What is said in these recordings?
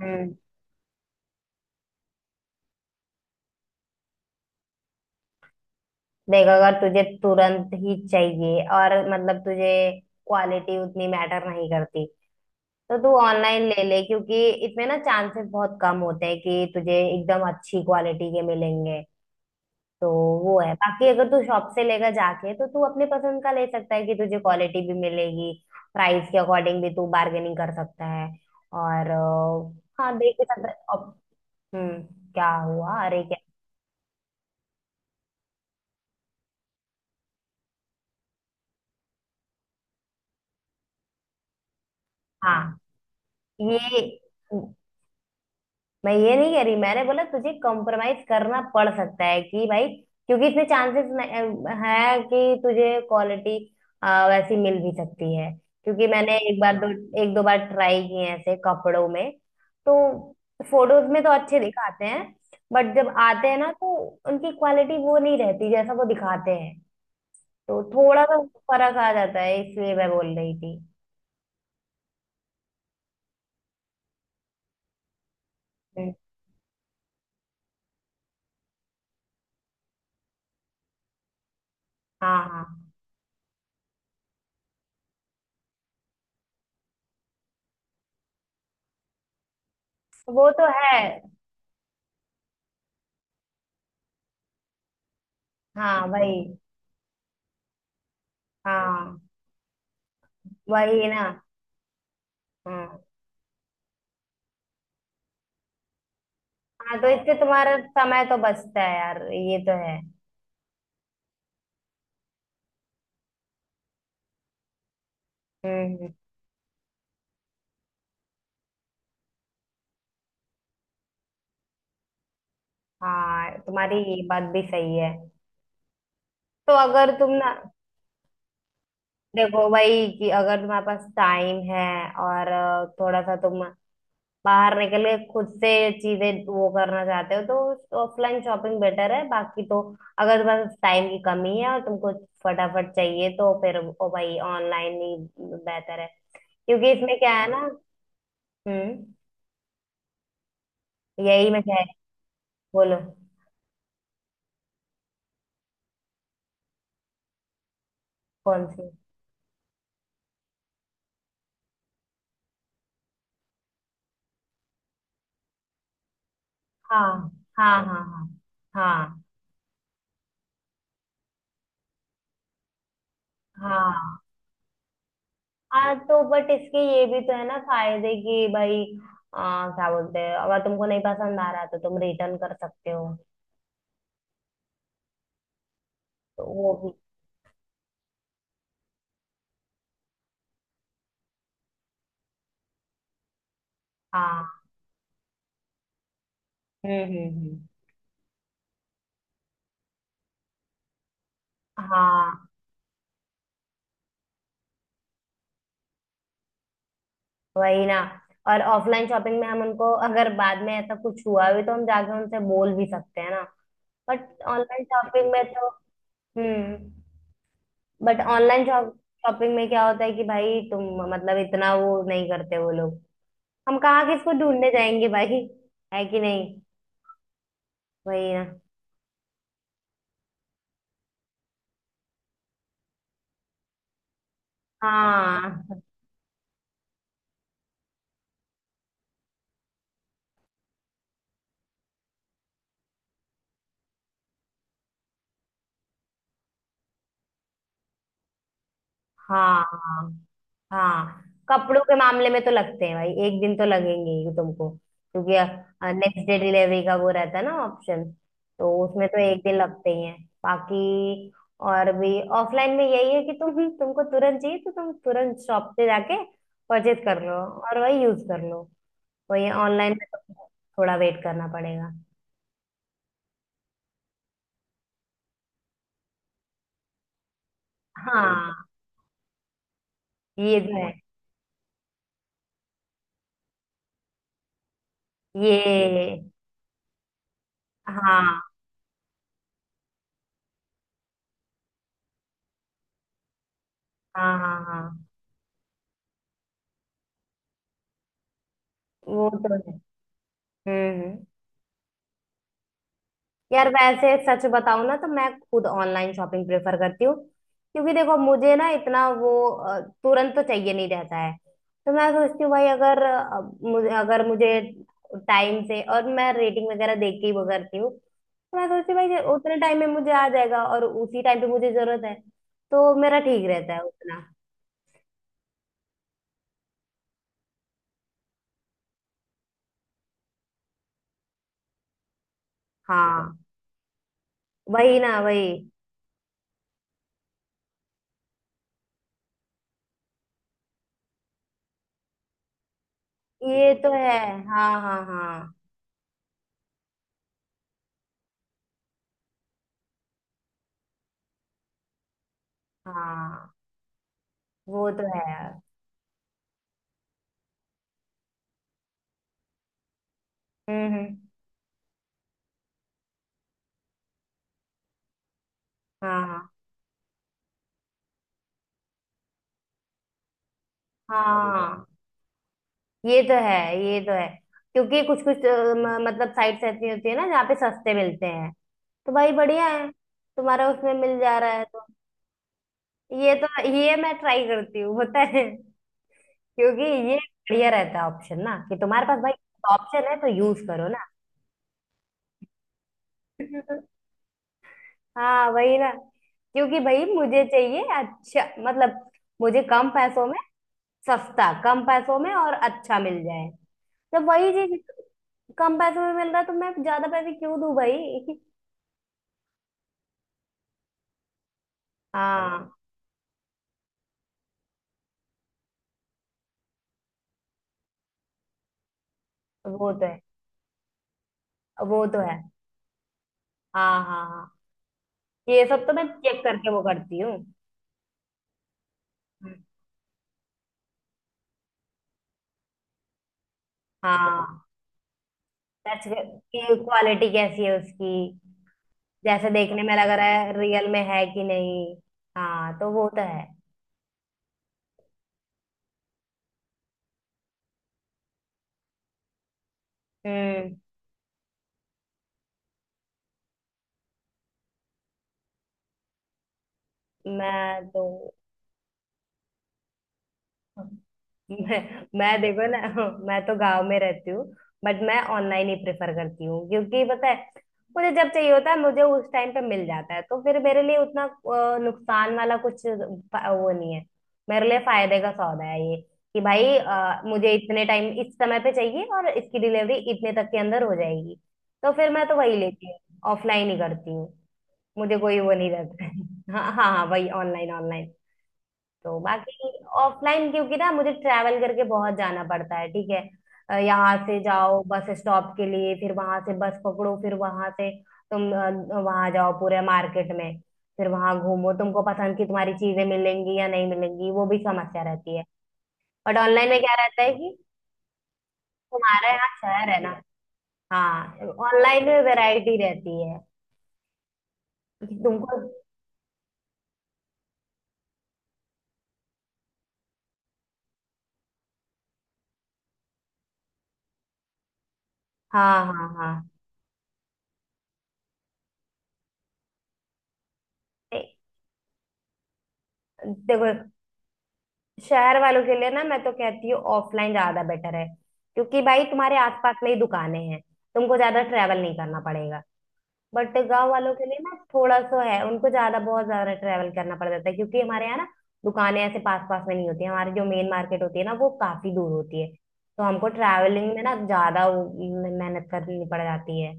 हम्म। देख, अगर तुझे तुरंत ही चाहिए और मतलब तुझे क्वालिटी उतनी मैटर नहीं करती, तो तू ऑनलाइन ले ले, क्योंकि इसमें ना चांसेस बहुत कम होते हैं कि तुझे एकदम अच्छी क्वालिटी के मिलेंगे। तो वो है। बाकी, अगर तू शॉप से लेकर जाके, तो तू अपने पसंद का ले सकता है कि तुझे क्वालिटी भी मिलेगी। प्राइस के अकॉर्डिंग भी तू बार्गेनिंग कर सकता है, और हाँ, देख भी सकता है अब। हम्म। क्या हुआ? अरे क्या? हाँ, ये मैं ये नहीं कह रही, मैंने बोला तुझे कॉम्प्रोमाइज करना पड़ सकता है कि भाई, क्योंकि इसमें चांसेस है कि तुझे क्वालिटी वैसी मिल भी सकती है। क्योंकि मैंने एक बार दो, हाँ, एक दो बार ट्राई किए हैं ऐसे कपड़ों में। तो फोटोज में तो अच्छे दिखाते हैं, बट जब आते हैं ना, तो उनकी क्वालिटी वो नहीं रहती जैसा वो दिखाते हैं। तो थोड़ा सा फर्क आ जाता है, इसलिए मैं बोल रही थी। हम्म, हाँ, हाँ। वो तो है। हाँ भाई। हाँ, वही ना। हाँ, हाँ, तो इससे तुम्हारा समय तो बचता है, यार, ये तो है। हम्म, हाँ, तुम्हारी ये बात भी सही है। तो अगर तुम ना, देखो भाई, कि अगर तुम्हारे पास टाइम है और थोड़ा सा तुम बाहर निकल के खुद से चीजें वो करना चाहते हो, तो ऑफलाइन शॉपिंग बेटर है। बाकी तो, अगर तुम्हारे पास टाइम की कमी है और तुमको फटाफट चाहिए, तो फिर ओ भाई, ऑनलाइन ही बेहतर है, क्योंकि इसमें क्या है ना। हम्म। यही मैं, क्या है, बोलो। कौन सी? हाँ, हाँ, हाँ, हाँ, हाँ, हाँ, हाँ, तो बट इसके ये भी तो है ना फायदे, कि भाई क्या बोलते हैं, अगर तुमको नहीं पसंद आ रहा तो तुम रिटर्न कर सकते हो। तो वो भी। हाँ, हम्म, हम्म, हम्म, हाँ, वही ना। और ऑफलाइन शॉपिंग में हम उनको, अगर बाद में ऐसा कुछ हुआ भी, तो हम जाके उनसे बोल भी सकते हैं ना। बट ऑनलाइन शॉपिंग में तो। हम्म। बट ऑनलाइन शॉपिंग में क्या होता है कि भाई तुम, मतलब इतना वो नहीं करते वो लोग। हम कहाँ किसको ढूंढने जाएंगे भाई? है कि नहीं? वही ना। हाँ, हाँ, हाँ, हाँ, कपड़ों के मामले में तो लगते हैं भाई, एक दिन तो लगेंगे ही तुमको, क्योंकि नेक्स्ट डे डिलीवरी का वो रहता है ना ऑप्शन। तो उसमें तो एक दिन लगते ही हैं। बाकी, और भी ऑफलाइन में यही है कि तुमको तुरंत चाहिए तो तुम तुरंत शॉप पे जाके परचेज कर लो और वही यूज कर लो। वही ऑनलाइन में तो थोड़ा वेट करना पड़ेगा। हाँ, ये तो है। ये, हाँ, हाँ, हाँ, हाँ। वो तो है। हम्म, यार, वैसे सच बताऊं ना, तो मैं खुद ऑनलाइन शॉपिंग प्रेफर करती हूँ, क्योंकि देखो मुझे ना इतना वो तुरंत तो चाहिए नहीं रहता है। तो मैं सोचती हूँ भाई, अगर मुझे टाइम से और मैं रेटिंग वगैरह देख के ही वो करती हूँ, तो मैं सोचती हूँ भाई कि उतने टाइम में मुझे आ जाएगा और उसी टाइम पे मुझे जरूरत है। तो मेरा ठीक रहता है उतना। हाँ, वही ना, वही। ये तो है। हाँ, हाँ, हाँ, हाँ। वो तो है यार। हम्म, हाँ, हाँ, समझ रहे हो? हाँ, ये तो है, ये तो है। क्योंकि कुछ कुछ मतलब साइट्स ऐसी होती है ना जहाँ पे सस्ते मिलते हैं। तो भाई बढ़िया है, तुम्हारा उसमें मिल जा रहा है तो। ये मैं ट्राई करती हूँ पता है, क्योंकि ये बढ़िया रहता है ऑप्शन ना कि तुम्हारे पास भाई। ऑप्शन है तो यूज करो ना। हाँ, वही ना। क्योंकि भाई मुझे चाहिए अच्छा, मतलब, मुझे कम पैसों में सस्ता, कम पैसों में और अच्छा मिल जाए, तो वही चीज। कम पैसों में मिल रहा है, तो मैं ज्यादा पैसे क्यों दूं भाई? हाँ, हाँ, वो तो है, वो तो है। हाँ, हाँ, हाँ, ये सब तो मैं चेक करके वो करती हूँ। हाँ, टच की क्वालिटी कैसी है उसकी, जैसे देखने में लग रहा है रियल में है कि नहीं। हाँ, तो वो तो है। हम्म। मैं तो मैं मैं देखो ना। मैं तो गांव में रहती हूँ, बट मैं ऑनलाइन ही प्रेफर करती हूँ, क्योंकि पता है मुझे जब चाहिए होता है मुझे उस टाइम पे मिल जाता है, तो फिर मेरे लिए उतना नुकसान वाला कुछ वो नहीं है। मेरे लिए फायदे का सौदा है ये, कि भाई, मुझे इतने टाइम इस समय पे चाहिए और इसकी डिलीवरी इतने तक के अंदर हो जाएगी। तो फिर मैं तो वही लेती हूँ, ऑफलाइन ही करती हूँ। मुझे कोई वो नहीं रहता है। हाँ, हाँ, हाँ, वही, ऑनलाइन, ऑनलाइन। तो बाकी ऑफलाइन, क्योंकि ना मुझे ट्रैवल करके बहुत जाना पड़ता है, ठीक है? यहाँ से जाओ बस स्टॉप के लिए, फिर वहां से बस पकड़ो, फिर वहां से तुम वहां जाओ पूरे मार्केट में, फिर वहां घूमो, तुमको पसंद की तुम्हारी चीजें मिलेंगी या नहीं मिलेंगी, वो भी समस्या रहती है। बट ऑनलाइन में क्या रहता है कि, तुम्हारा यहाँ शहर है ना। हाँ, ऑनलाइन में वैरायटी रहती है कि तुमको। हाँ, हाँ, हाँ, ए, देखो, शहर वालों के लिए ना, मैं तो कहती हूँ ऑफलाइन ज्यादा बेटर है, क्योंकि भाई तुम्हारे आसपास में ही दुकानें हैं, तुमको ज्यादा ट्रैवल नहीं करना पड़ेगा। बट गांव वालों के लिए ना थोड़ा सा है, उनको ज्यादा, बहुत ज्यादा ट्रैवल करना पड़ जाता है, क्योंकि हमारे यहाँ ना दुकानें ऐसे पास पास में नहीं होती हैं। हमारी जो मेन मार्केट होती है ना, वो काफी दूर होती है। तो हमको ट्रैवलिंग में ना ज्यादा वो मेहनत करनी पड़ जाती है।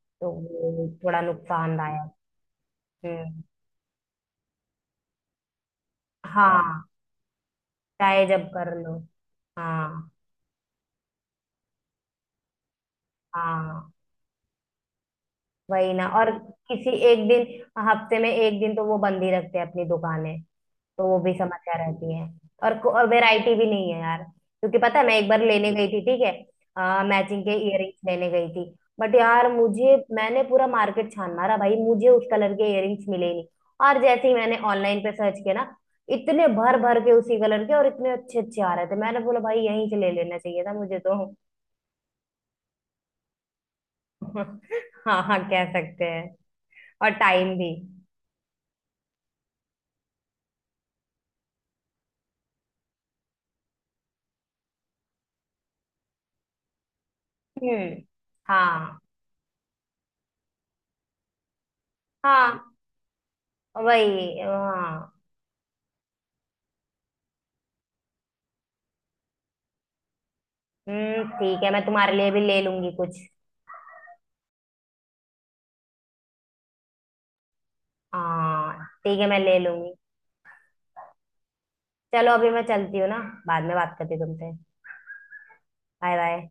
तो वो थोड़ा नुकसानदायक। हम्म, हाँ, चाहे जब कर लो। हाँ, हाँ, वही ना। और किसी एक दिन, हफ्ते में एक दिन तो वो बंद ही रखते हैं अपनी दुकानें। तो वो भी समस्या रहती है। और वैरायटी भी नहीं है यार, क्योंकि पता है मैं एक बार लेने गई थी, ठीक है? मैचिंग के इयररिंग्स लेने गई थी, बट यार मुझे, मैंने पूरा मार्केट छान मारा भाई, मुझे उस कलर के इयररिंग्स मिले ही नहीं। और जैसे ही मैंने ऑनलाइन पे सर्च किया ना, इतने भर भर के उसी कलर के और इतने अच्छे अच्छे आ रहे थे, मैंने बोला भाई यहीं से ले लेना चाहिए था मुझे तो। हाँ, हाँ, कह सकते हैं। और टाइम भी। हम्म, हाँ, हाँ, वही, हाँ। हम्म, ठीक है, मैं तुम्हारे लिए भी ले लूंगी कुछ। हाँ, ठीक है, मैं ले लूंगी। चलो अभी मैं चलती हूँ ना, बाद में बात करती हूँ तुमसे। Bye bye.